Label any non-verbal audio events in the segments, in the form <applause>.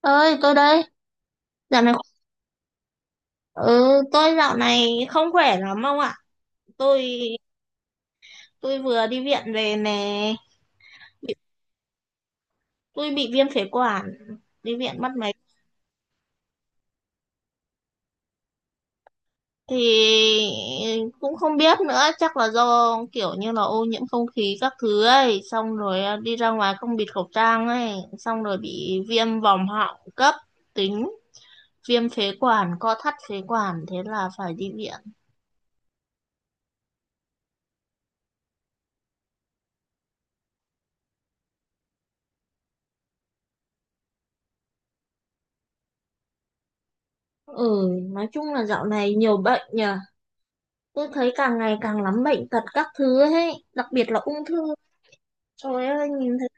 Ơi, tôi đây. Dạo này ừ, tôi dạo này không khỏe lắm ông ạ. Tôi tôi vừa đi viện về nè. Tôi bị viêm phế quản, đi viện mất mấy. Thì cũng không biết nữa, chắc là do kiểu như là ô nhiễm không khí các thứ ấy, xong rồi đi ra ngoài không bịt khẩu trang ấy, xong rồi bị viêm vòm họng cấp tính, viêm phế quản, co thắt phế quản, thế là phải đi viện. Ừ, nói chung là dạo này nhiều bệnh nhỉ. Tôi thấy càng ngày càng lắm bệnh tật các thứ ấy, đặc biệt là ung thư. Trời ơi, nhìn thấy.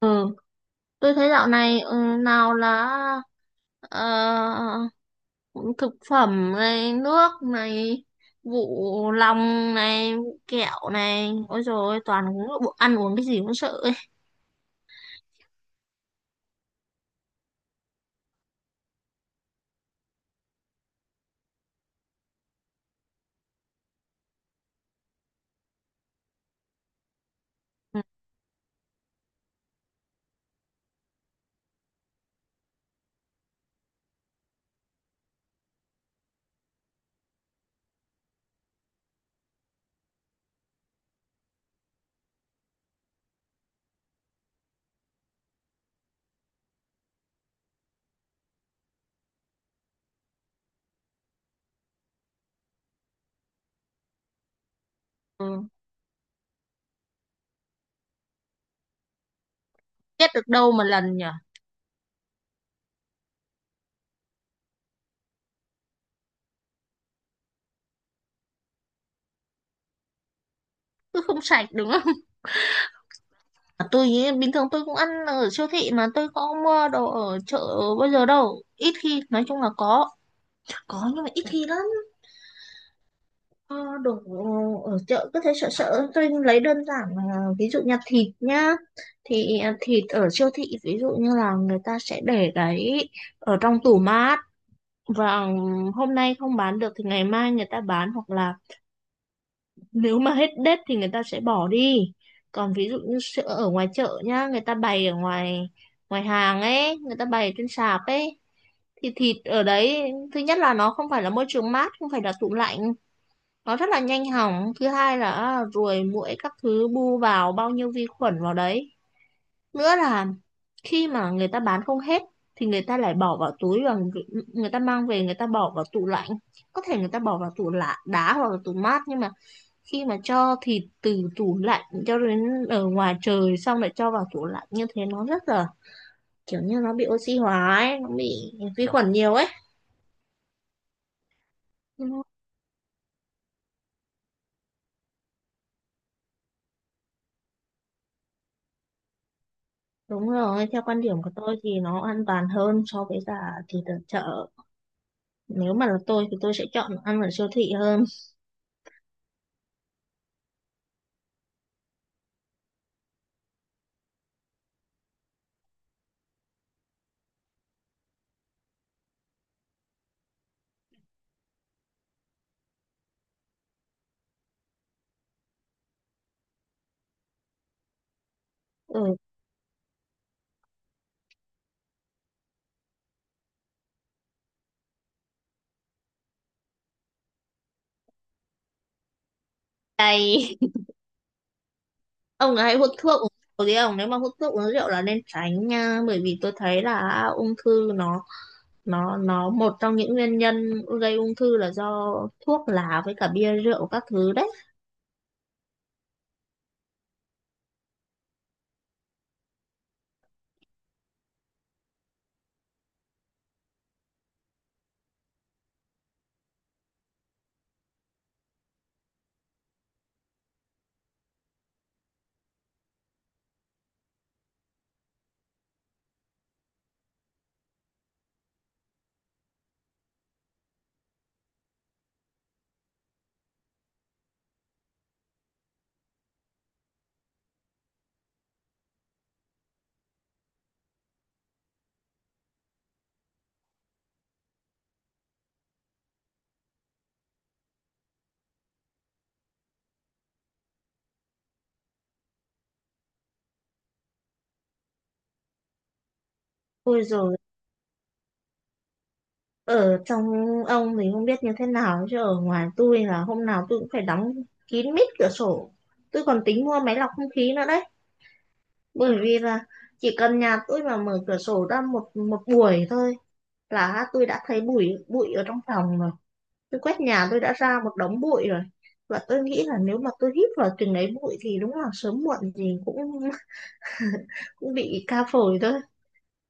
Ừ, tôi thấy dạo này nào là ờ, thực phẩm này, nước này, vụ lòng này, vụ kẹo này. Ôi dồi ôi, toàn uống bộ ăn uống cái gì cũng sợ ấy. Ừ, biết được đâu mà lần nhở. Cứ không sạch đúng không? <laughs> Tôi ý, bình thường tôi cũng ăn ở siêu thị, mà tôi có mua đồ ở chợ bây giờ đâu. Ít khi, nói chung là có. Có nhưng mà ít khi lắm. Ờ, đồ ở chợ cứ thế sợ sợ, tôi lấy đơn giản là ví dụ như thịt nhá, thì thịt ở siêu thị ví dụ như là người ta sẽ để đấy ở trong tủ mát, và hôm nay không bán được thì ngày mai người ta bán, hoặc là nếu mà hết date thì người ta sẽ bỏ đi. Còn ví dụ như sữa ở ngoài chợ nhá, người ta bày ở ngoài, ngoài hàng ấy, người ta bày trên sạp ấy, thì thịt ở đấy thứ nhất là nó không phải là môi trường mát, không phải là tủ lạnh, nó rất là nhanh hỏng. Thứ hai là ruồi muỗi các thứ bu vào, bao nhiêu vi khuẩn vào đấy. Nữa là khi mà người ta bán không hết thì người ta lại bỏ vào túi, và người ta mang về, người ta bỏ vào tủ lạnh, có thể người ta bỏ vào tủ lạ đá hoặc là tủ mát. Nhưng mà khi mà cho thịt từ tủ lạnh cho đến ở ngoài trời xong lại cho vào tủ lạnh như thế, nó rất là kiểu như nó bị oxy hóa ấy, nó bị vi khuẩn nhiều ấy. Ừ, đúng rồi, theo quan điểm của tôi thì nó an toàn hơn so với cả thịt ở chợ. Nếu mà là tôi thì tôi sẽ chọn ăn ở siêu thị hơn. Ừ, cay. <laughs> Ông ấy hút thuốc uống rượu gì không? Nếu mà hút thuốc uống rượu là nên tránh nha, bởi vì tôi thấy là ung thư nó, nó một trong những nguyên nhân gây ung thư là do thuốc lá với cả bia rượu các thứ đấy. Ôi rồi, ở trong ông thì không biết như thế nào, chứ ở ngoài tôi là hôm nào tôi cũng phải đóng kín mít cửa sổ. Tôi còn tính mua máy lọc không khí nữa đấy, bởi vì là chỉ cần nhà tôi mà mở cửa sổ ra một một buổi thôi là tôi đã thấy bụi bụi ở trong phòng rồi. Tôi quét nhà tôi đã ra một đống bụi rồi, và tôi nghĩ là nếu mà tôi hít vào từng ấy bụi thì đúng là sớm muộn gì cũng <laughs> cũng bị ca phổi thôi.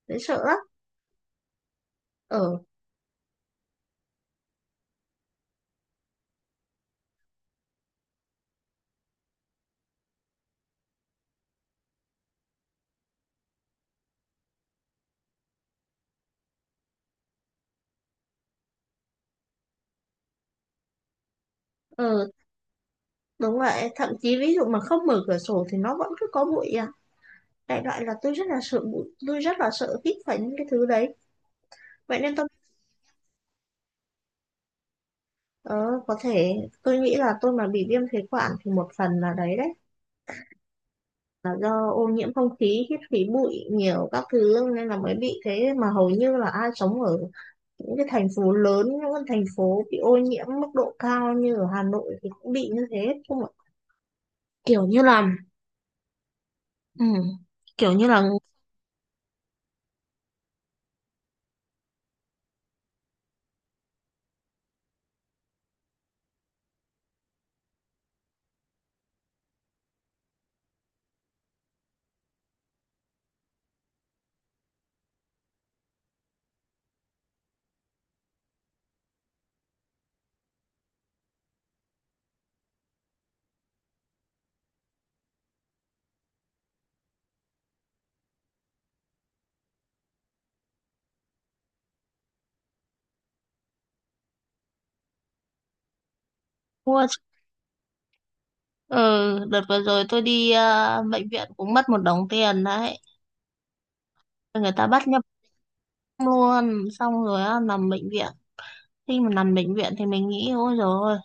Thấy sợ lắm. Ờ, ờ, đúng vậy, thậm chí ví dụ mà không mở cửa sổ thì nó vẫn cứ có bụi à. Đại loại là tôi rất là sợ bụi, tôi rất là sợ hít phải những cái thứ đấy. Vậy nên tôi ờ, có thể tôi nghĩ là tôi mà bị viêm phế quản thì một phần là đấy đấy, là do ô nhiễm không khí, hít khí bụi nhiều các thứ nên là mới bị thế. Mà hầu như là ai sống ở những cái thành phố lớn, những cái thành phố bị ô nhiễm mức độ cao như ở Hà Nội thì cũng bị như thế không ạ? Kiểu như là, ừ, kiểu như là mua. Ừ, đợt vừa rồi tôi đi bệnh viện cũng mất một đống tiền đấy. Người ta bắt nhập luôn, xong rồi á, nằm bệnh viện. Khi mà nằm bệnh viện thì mình nghĩ ôi rồi.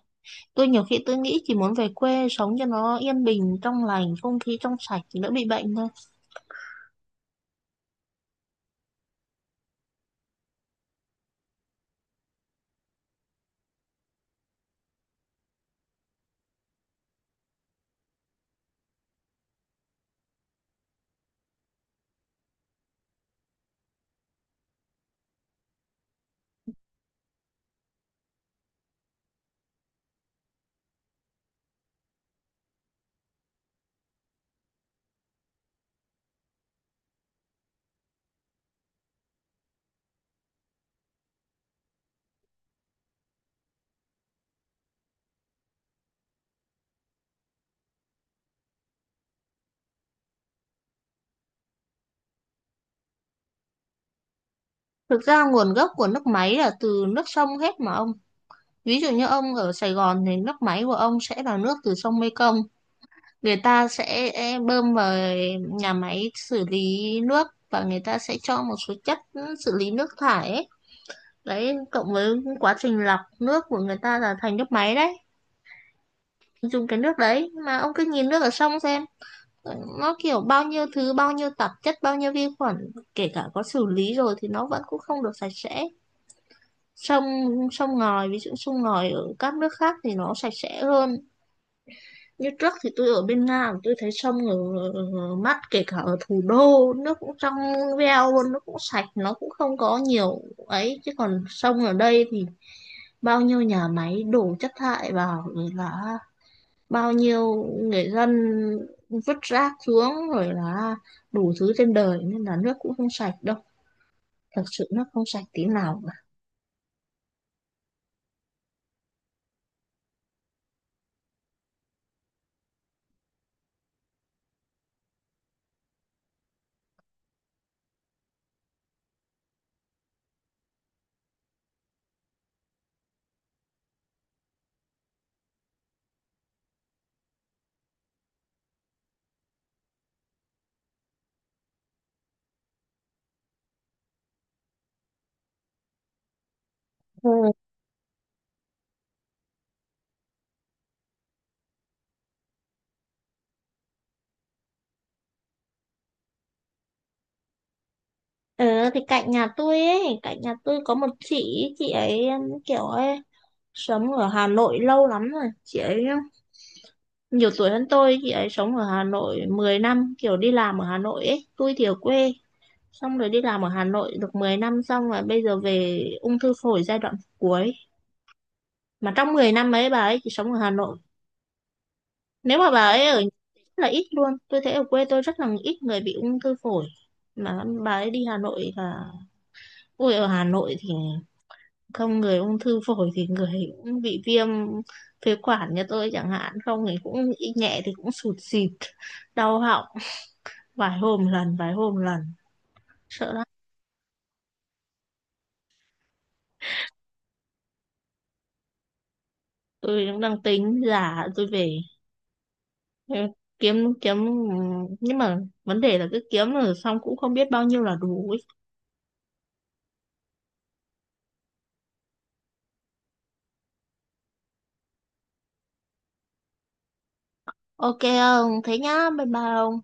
Tôi nhiều khi tôi nghĩ chỉ muốn về quê sống cho nó yên bình, trong lành, không khí trong sạch thì đỡ bị bệnh thôi. Thực ra nguồn gốc của nước máy là từ nước sông hết mà ông. Ví dụ như ông ở Sài Gòn thì nước máy của ông sẽ là nước từ sông Mekong. Người ta sẽ bơm vào nhà máy xử lý nước, và người ta sẽ cho một số chất xử lý nước thải ấy. Đấy, cộng với quá trình lọc nước của người ta là thành nước máy đấy. Dùng cái nước đấy mà ông cứ nhìn nước ở sông xem, nó kiểu bao nhiêu thứ, bao nhiêu tạp chất, bao nhiêu vi khuẩn, kể cả có xử lý rồi thì nó vẫn cũng không được sạch sẽ. Sông Sông ngòi, ví dụ sông ngòi ở các nước khác thì nó sạch sẽ hơn. Như trước thì tôi ở bên Nga, tôi thấy sông ở mắt, kể cả ở thủ đô nước cũng trong veo luôn, nó cũng sạch, nó cũng không có nhiều ấy. Chứ còn sông ở đây thì bao nhiêu nhà máy đổ chất thải vào, là bao nhiêu người dân vứt rác xuống, rồi là đủ thứ trên đời, nên là nước cũng không sạch đâu, thật sự nước không sạch tí nào cả. Ừ, ừ thì cạnh nhà tôi ấy, cạnh nhà tôi có một chị, chị ấy sống ở Hà Nội lâu lắm rồi. Chị ấy nhiều tuổi hơn tôi, chị ấy sống ở Hà Nội 10 năm, kiểu đi làm ở Hà Nội ấy, tôi thì ở quê, xong rồi đi làm ở Hà Nội được 10 năm, xong rồi bây giờ về ung thư phổi giai đoạn cuối. Mà trong 10 năm ấy bà ấy chỉ sống ở Hà Nội, nếu mà bà ấy ở nhà rất là ít luôn. Tôi thấy ở quê tôi rất là ít người bị ung thư phổi, mà bà ấy đi Hà Nội là ui, ở Hà Nội thì không người ung thư phổi thì người cũng bị viêm phế quản như tôi chẳng hạn, không thì cũng ít, nhẹ thì cũng sụt xịt đau họng vài hôm lần, vài hôm lần. Sợ lắm. Tôi cũng đang tính giả tôi về. Ừ, kiếm kiếm nhưng mà vấn đề là cứ kiếm rồi xong cũng không biết bao nhiêu là đủ ấy. Ok ông thế nhá, bye bye ông.